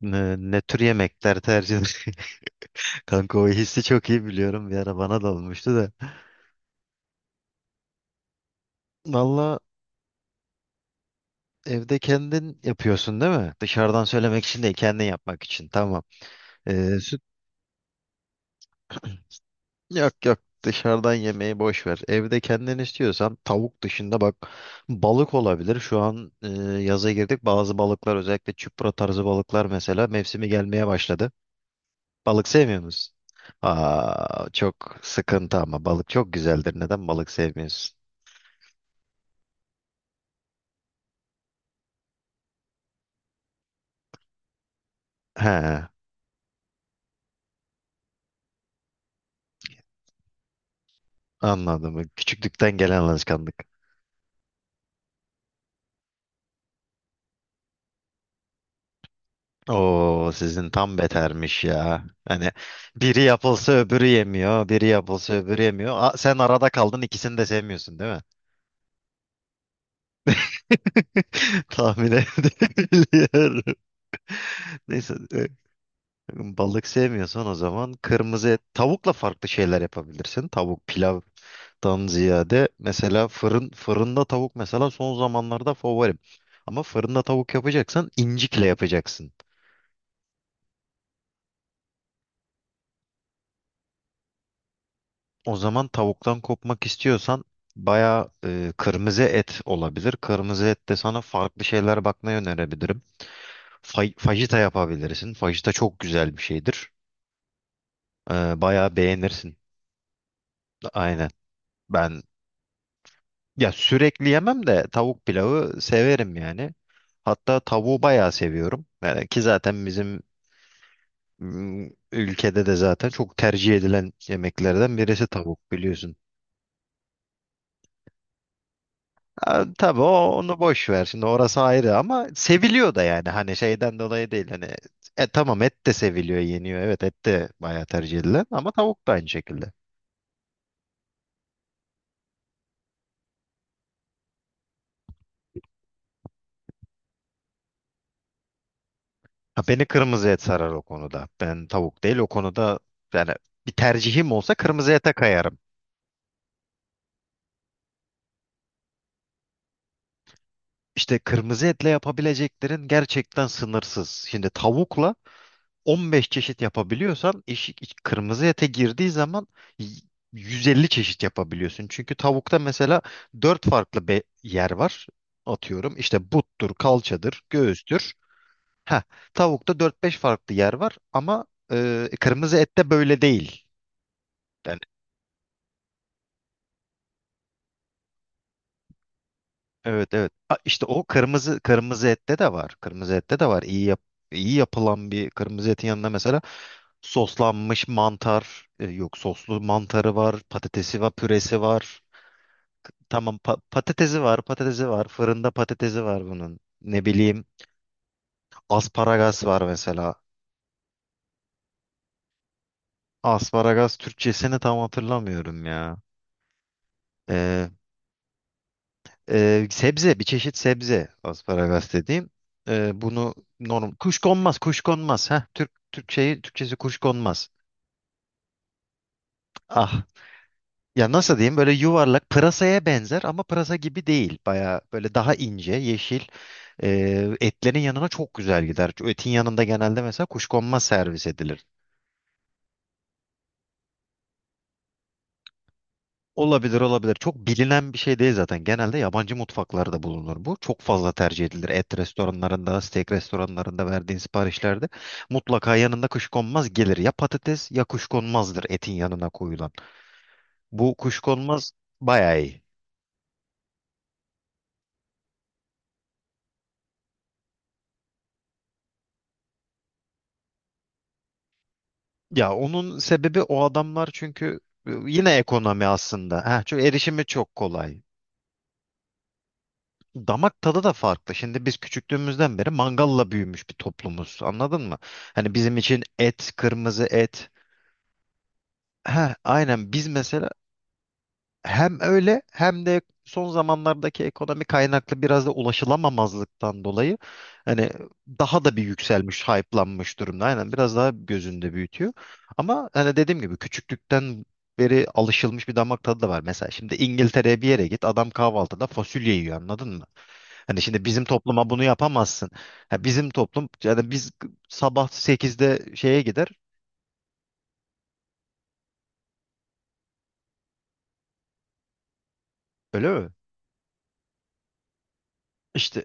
Ne, ne tür yemekler tercih eder? Kanka o hissi çok iyi biliyorum. Bir ara bana da olmuştu da. Valla evde kendin yapıyorsun değil mi? Dışarıdan söylemek için değil, kendin yapmak için. Tamam. Ee, süt... Yok yok. Dışarıdan yemeği boş ver. Evde kendin istiyorsan tavuk dışında bak balık olabilir. Şu an yaza girdik. Bazı balıklar özellikle çupra tarzı balıklar mesela mevsimi gelmeye başladı. Balık sevmiyor musun? Aa, çok sıkıntı ama balık çok güzeldir. Neden balık sevmiyorsun? He. Anladım. Küçüklükten gelen alışkanlık. Oo sizin tam betermiş ya. Hani biri yapılsa öbürü yemiyor, biri yapılsa öbürü yemiyor. Aa, sen arada kaldın ikisini de sevmiyorsun değil mi? Tahmin edebiliyorum. Neyse, balık sevmiyorsan o zaman kırmızı et, tavukla farklı şeyler yapabilirsin. Tavuk pilavdan ziyade mesela fırında tavuk mesela son zamanlarda favorim. Ama fırında tavuk yapacaksan incikle yapacaksın. O zaman tavuktan kopmak istiyorsan bayağı kırmızı et olabilir. Kırmızı et de sana farklı şeyler bakmayı önerebilirim. Fajita yapabilirsin. Fajita çok güzel bir şeydir. Bayağı beğenirsin. Aynen. Ben ya sürekli yemem de tavuk pilavı severim yani. Hatta tavuğu bayağı seviyorum. Yani ki zaten bizim ülkede de zaten çok tercih edilen yemeklerden birisi tavuk biliyorsun. Ha, tabii onu boş ver. Şimdi orası ayrı ama seviliyor da yani hani şeyden dolayı değil hani tamam et de seviliyor, yeniyor. Evet et de bayağı tercih edilen ama tavuk da aynı şekilde. Ha, beni kırmızı et sarar o konuda. Ben tavuk değil o konuda yani bir tercihim olsa kırmızı ete kayarım. İşte kırmızı etle yapabileceklerin gerçekten sınırsız. Şimdi tavukla 15 çeşit yapabiliyorsan eşi, kırmızı ete girdiği zaman y- 150 çeşit yapabiliyorsun. Çünkü tavukta mesela 4 farklı yer var. Atıyorum işte buttur, kalçadır, göğüstür. Heh, tavukta dört beş farklı yer var ama kırmızı ette böyle değil. Yani evet evet. Ha, işte o kırmızı ette de var. Kırmızı ette de var. İyi yapılan bir kırmızı etin yanında mesela soslanmış mantar, yok soslu mantarı var, patatesi var, püresi var. Tamam patatesi var, patatesi var. Fırında patatesi var bunun. Ne bileyim asparagas var mesela. Asparagas Türkçesini tam hatırlamıyorum ya. Ee, sebze, bir çeşit sebze asparagas dediğim. Bunu normal kuşkonmaz. Heh, Türkçesi kuşkonmaz. Ah. Ya nasıl diyeyim böyle yuvarlak pırasaya benzer ama pırasa gibi değil. Baya böyle daha ince, yeşil. Etlerin yanına çok güzel gider. Çünkü etin yanında genelde mesela kuşkonmaz servis edilir. Olabilir olabilir. Çok bilinen bir şey değil zaten. Genelde yabancı mutfaklarda bulunur bu. Çok fazla tercih edilir. Et restoranlarında, steak restoranlarında verdiğin siparişlerde mutlaka yanında kuşkonmaz gelir. Ya patates ya kuşkonmazdır etin yanına koyulan. Bu kuşkonmaz bayağı iyi. Ya onun sebebi o adamlar çünkü yine ekonomi aslında. Heh, çünkü erişimi çok kolay. Damak tadı da farklı. Şimdi biz küçüklüğümüzden beri mangalla büyümüş bir toplumuz. Anladın mı? Hani bizim için et, kırmızı et. Ha, aynen biz mesela hem öyle hem de son zamanlardaki ekonomi kaynaklı biraz da ulaşılamamazlıktan dolayı hani daha da bir yükselmiş, hype'lanmış durumda. Aynen biraz daha gözünde büyütüyor. Ama hani dediğim gibi küçüklükten beri alışılmış bir damak tadı da var. Mesela şimdi İngiltere'ye bir yere git adam kahvaltıda fasulye yiyor anladın mı? Hani şimdi bizim topluma bunu yapamazsın. Ha, bizim toplum yani biz sabah sekizde şeye gider öyle mi? İşte.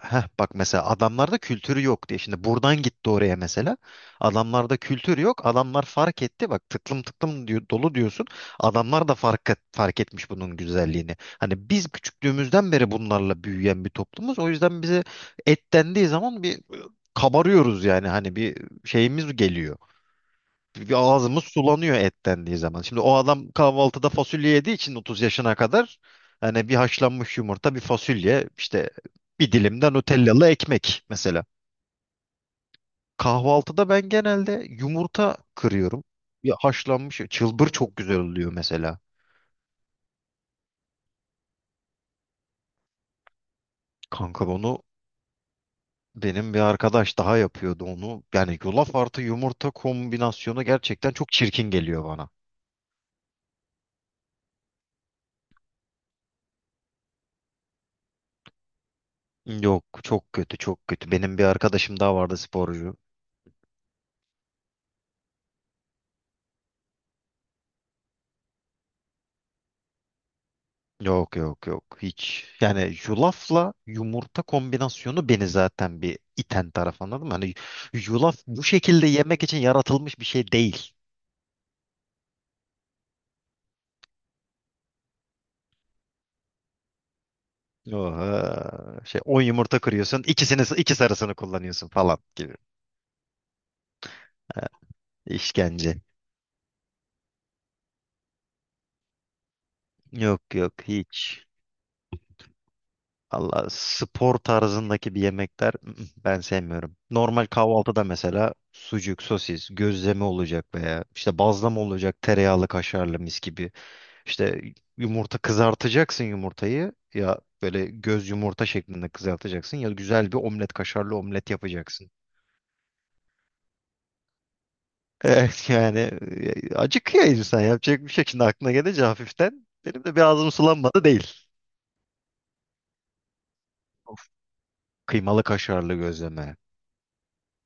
Heh, bak mesela adamlarda kültürü yok diye. Şimdi buradan gitti oraya mesela. Adamlarda kültür yok. Adamlar fark etti. Bak tıklım tıklım diyor, dolu diyorsun. Adamlar da fark etmiş bunun güzelliğini. Hani biz küçüklüğümüzden beri bunlarla büyüyen bir toplumuz. O yüzden bize et dendiği zaman bir kabarıyoruz yani. Hani bir şeyimiz geliyor. Bir ağzımız sulanıyor et dendiği zaman. Şimdi o adam kahvaltıda fasulye yediği için 30 yaşına kadar yani bir haşlanmış yumurta, bir fasulye, işte bir dilim de Nutellalı ekmek mesela. Kahvaltıda ben genelde yumurta kırıyorum. Bir haşlanmış çılbır çok güzel oluyor mesela. Kanka benim bir arkadaş daha yapıyordu onu. Yani yulaf artı yumurta kombinasyonu gerçekten çok çirkin geliyor bana. Yok çok kötü çok kötü. Benim bir arkadaşım daha vardı sporcu. Yok yok yok hiç. Yani yulafla yumurta kombinasyonu beni zaten bir iten taraf anladın mı? Hani yulaf bu şekilde yemek için yaratılmış bir şey değil. Oha. Şey 10 yumurta kırıyorsun iki sarısını kullanıyorsun falan gibi. Ha, İşkence. Yok yok hiç. Allah spor tarzındaki bir yemekler ben sevmiyorum. Normal kahvaltıda mesela sucuk, sosis, gözleme olacak veya işte bazlama olacak tereyağlı kaşarlı mis gibi. İşte yumurta kızartacaksın yumurtayı ya böyle göz yumurta şeklinde kızartacaksın ya güzel bir omlet kaşarlı omlet yapacaksın. Evet yani acıkıyor insan yapacak bir şey. Şimdi aklına gelince hafiften benim de bir ağzım sulanmadı değil. Of, kıymalı kaşarlı gözleme.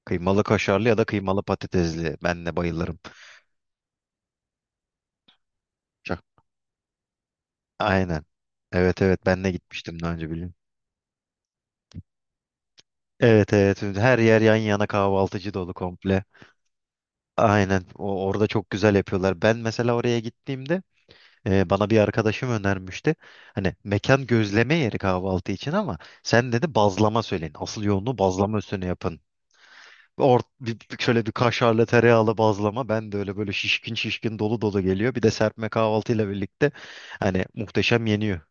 Kıymalı kaşarlı ya da kıymalı patatesli. Ben de bayılırım. Çok- Aynen. Evet evet ben de gitmiştim daha önce biliyorum. Evet evet her yer yan yana kahvaltıcı dolu komple. Aynen orada çok güzel yapıyorlar. Ben mesela oraya gittiğimde bana bir arkadaşım önermişti. Hani mekan gözleme yeri kahvaltı için ama sen dedi bazlama söyleyin. Asıl yoğunluğu bazlama üstüne yapın. Şöyle bir kaşarlı tereyağlı bazlama. Ben de öyle böyle şişkin şişkin dolu dolu geliyor. Bir de serpme kahvaltıyla birlikte hani muhteşem yeniyor.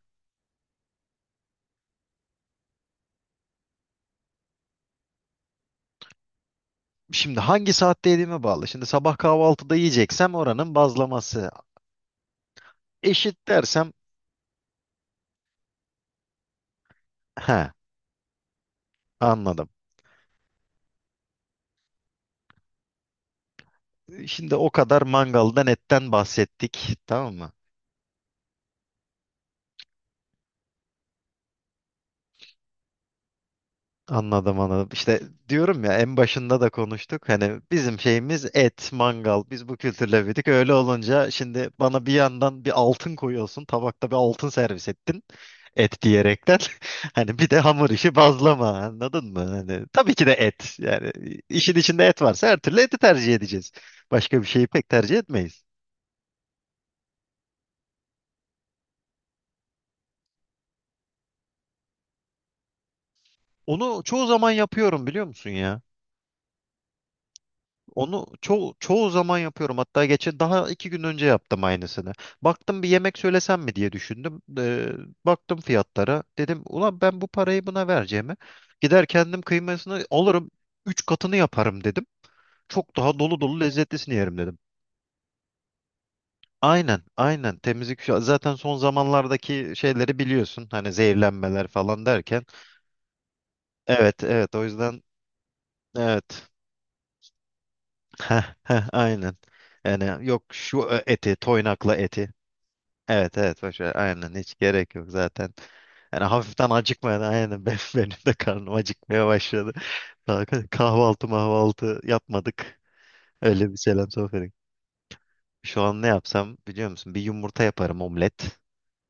Şimdi hangi saatte yediğime bağlı. Şimdi sabah kahvaltıda yiyeceksem oranın bazlaması eşit dersem he anladım. Şimdi o kadar mangaldan etten bahsettik tamam mı? Anladım anladım. İşte diyorum ya en başında da konuştuk. Hani bizim şeyimiz et, mangal. Biz bu kültürle büyüdük. Öyle olunca şimdi bana bir yandan bir altın koyuyorsun. Tabakta bir altın servis ettin. Et diyerekten. Hani bir de hamur işi bazlama. Anladın mı? Hani tabii ki de et. Yani işin içinde et varsa her türlü eti tercih edeceğiz. Başka bir şeyi pek tercih etmeyiz. Onu çoğu zaman yapıyorum biliyor musun ya? Onu çoğu zaman yapıyorum. Hatta geçen daha iki gün önce yaptım aynısını. Baktım bir yemek söylesem mi diye düşündüm. Baktım fiyatlara. Dedim ulan ben bu parayı buna vereceğime gider kendim kıymasını alırım. Üç katını yaparım dedim. Çok daha dolu dolu lezzetlisini yerim dedim. Aynen, aynen. Temizlik zaten son zamanlardaki şeyleri biliyorsun. Hani zehirlenmeler falan derken. Evet, evet. O yüzden evet. Heh, heh, aynen. Yani yok şu eti, toynakla eti. Evet evet boş ver. Aynen hiç gerek yok zaten. Yani hafiften acıkmayan aynen ben, benim de karnım acıkmaya başladı. Daha kahvaltı mahvaltı yapmadık. Öyle bir selam sohbeti. Şu an ne yapsam biliyor musun? Bir yumurta yaparım omlet.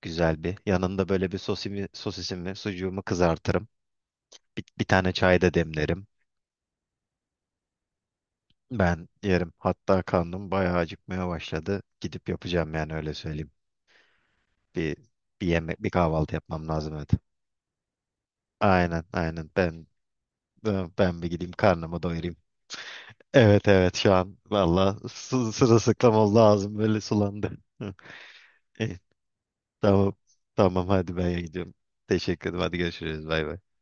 Güzel bir. Yanında böyle bir sosisimi, sucuğumu kızartırım. Bir tane çay da demlerim. Ben yerim. Hatta karnım bayağı acıkmaya başladı. Gidip yapacağım yani öyle söyleyeyim. Bir bir yemek, bir kahvaltı yapmam lazım evet. Aynen, aynen. Ben bir gideyim karnımı doyurayım. Evet evet şu an valla sırılsıklam oldu ağzım böyle sulandı. İyi, tamam tamam hadi ben gidiyorum. Teşekkür ederim hadi görüşürüz bay bay.